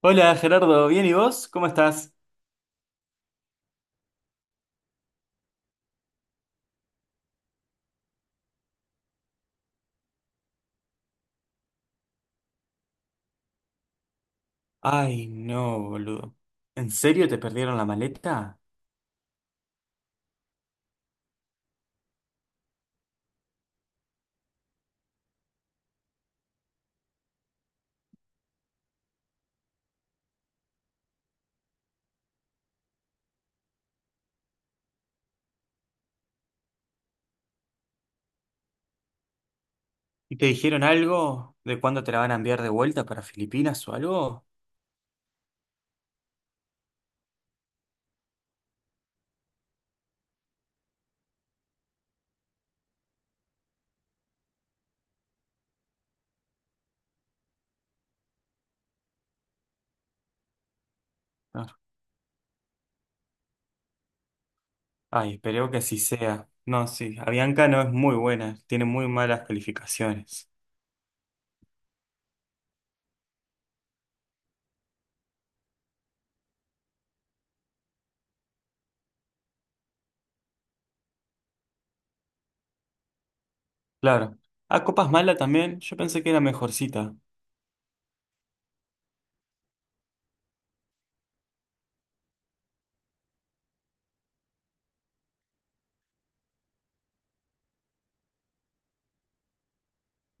Hola Gerardo, ¿bien y vos? ¿Cómo estás? Ay, no, boludo. ¿En serio te perdieron la maleta? ¿Y te dijeron algo de cuándo te la van a enviar de vuelta para Filipinas o algo? No. Ay, espero que así sea. No, sí, Avianca no es muy buena, tiene muy malas calificaciones. Claro. Ah, Copas Mala también, yo pensé que era mejorcita.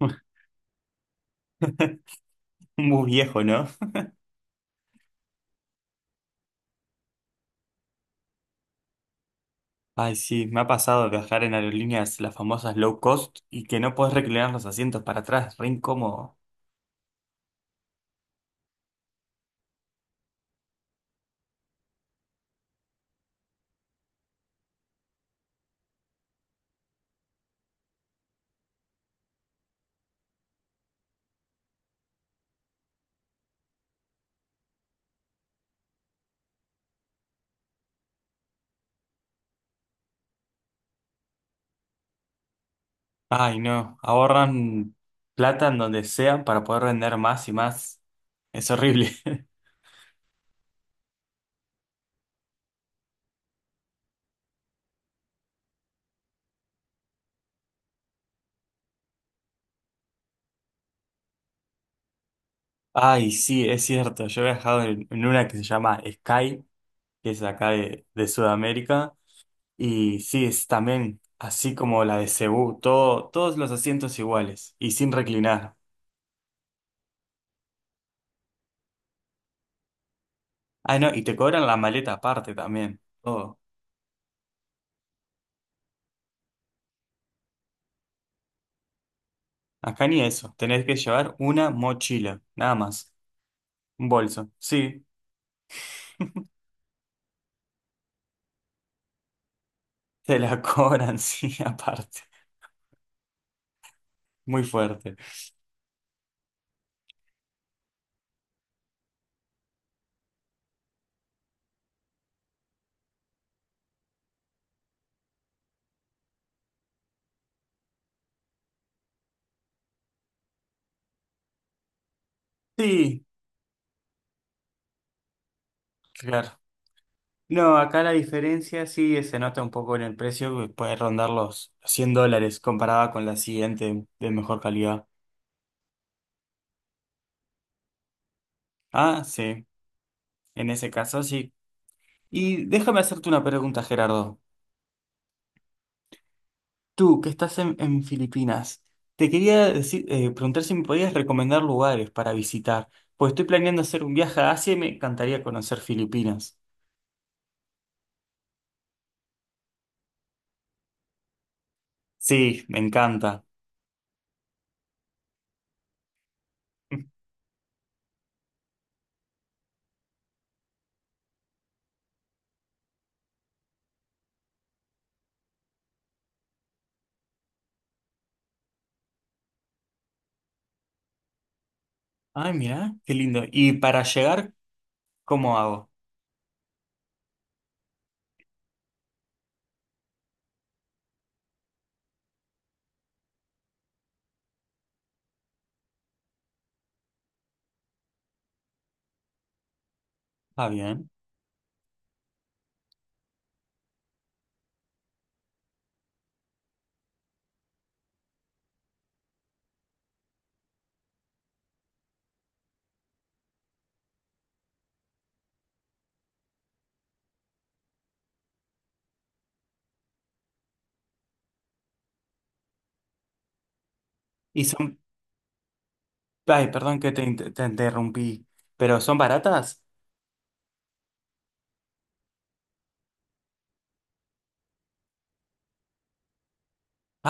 Muy viejo, ¿no? Ay, sí, me ha pasado de viajar en aerolíneas, las famosas low cost, y que no podés reclinar los asientos para atrás, re incómodo. Ay, no, ahorran plata en donde sea para poder vender más y más. Es horrible. Ay, sí, es cierto. Yo he viajado en una que se llama Sky, que es acá de Sudamérica. Y sí, es también así como la de Cebú, todo, todos los asientos iguales y sin reclinar. Ah, no, y te cobran la maleta aparte también. Todo. Acá ni eso. Tenés que llevar una mochila, nada más. Un bolso. Sí, te la cobran, sí, aparte. Muy fuerte. Sí, claro. No, acá la diferencia sí se nota un poco en el precio, que puede rondar los 100 dólares comparada con la siguiente de mejor calidad. Ah, sí, en ese caso sí. Y déjame hacerte una pregunta, Gerardo. Tú, que estás en Filipinas, te quería decir, preguntar si me podías recomendar lugares para visitar, pues estoy planeando hacer un viaje a Asia y me encantaría conocer Filipinas. Sí, me encanta. Ay, mira, qué lindo. ¿Y para llegar, cómo hago? Ah, bien. Y son, ay, perdón que te, te interrumpí, pero son baratas.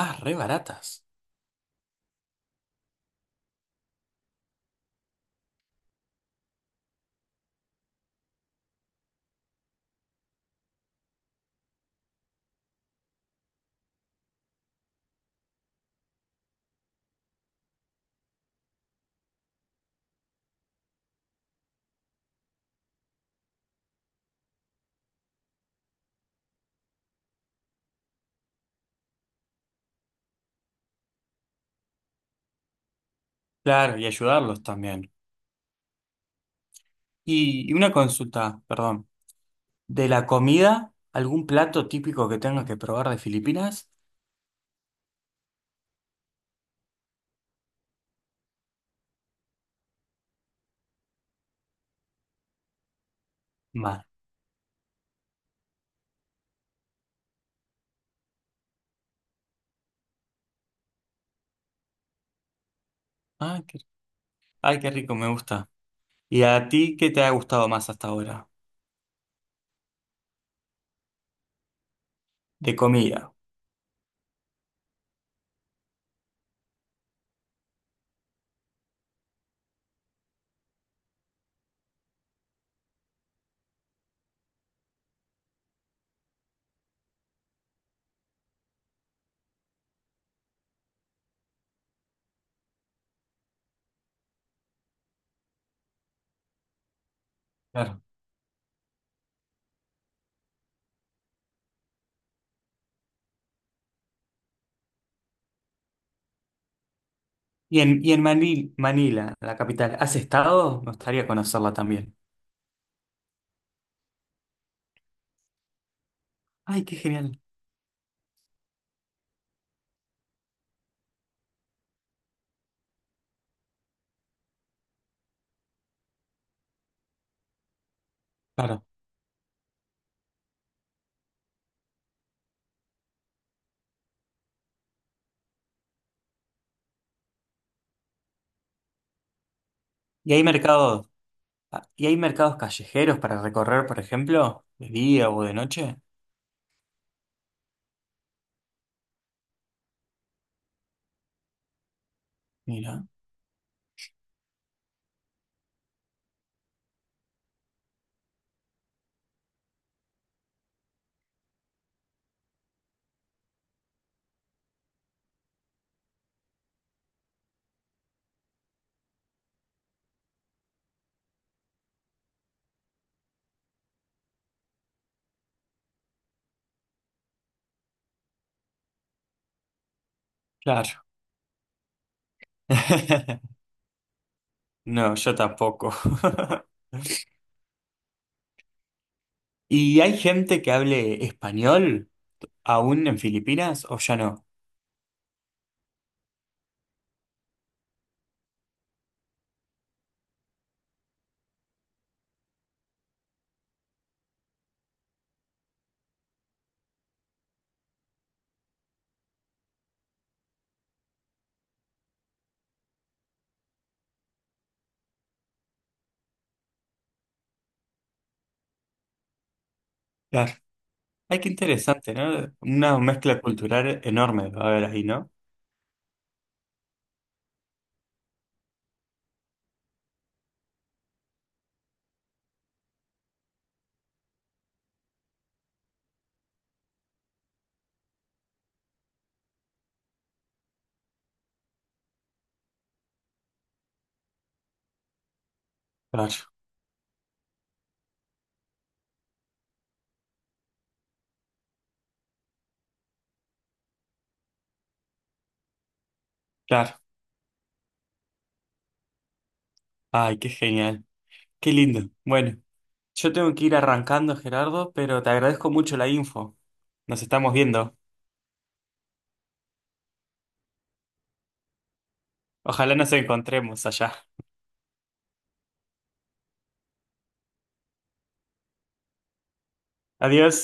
Ah, re baratas. Claro, y ayudarlos también. Y una consulta, perdón. ¿De la comida, algún plato típico que tengas que probar de Filipinas? Más. Ah, qué, ay, qué rico, me gusta. ¿Y a ti qué te ha gustado más hasta ahora? De comida. Claro. Y en Manila, la capital, ¿has estado? Me gustaría conocerla también. Ay, qué genial. Claro. ¿Y hay mercados? Ah, ¿y hay mercados callejeros para recorrer, por ejemplo, de día o de noche? Mira, claro. No, yo tampoco. ¿Y hay gente que hable español aún en Filipinas o ya no? Claro. Ay, qué interesante, ¿no? Una mezcla cultural enorme va a haber ahí, ¿no? Claro, claro. Ay, qué genial. Qué lindo. Bueno, yo tengo que ir arrancando, Gerardo, pero te agradezco mucho la info. Nos estamos viendo. Ojalá nos encontremos allá. Adiós.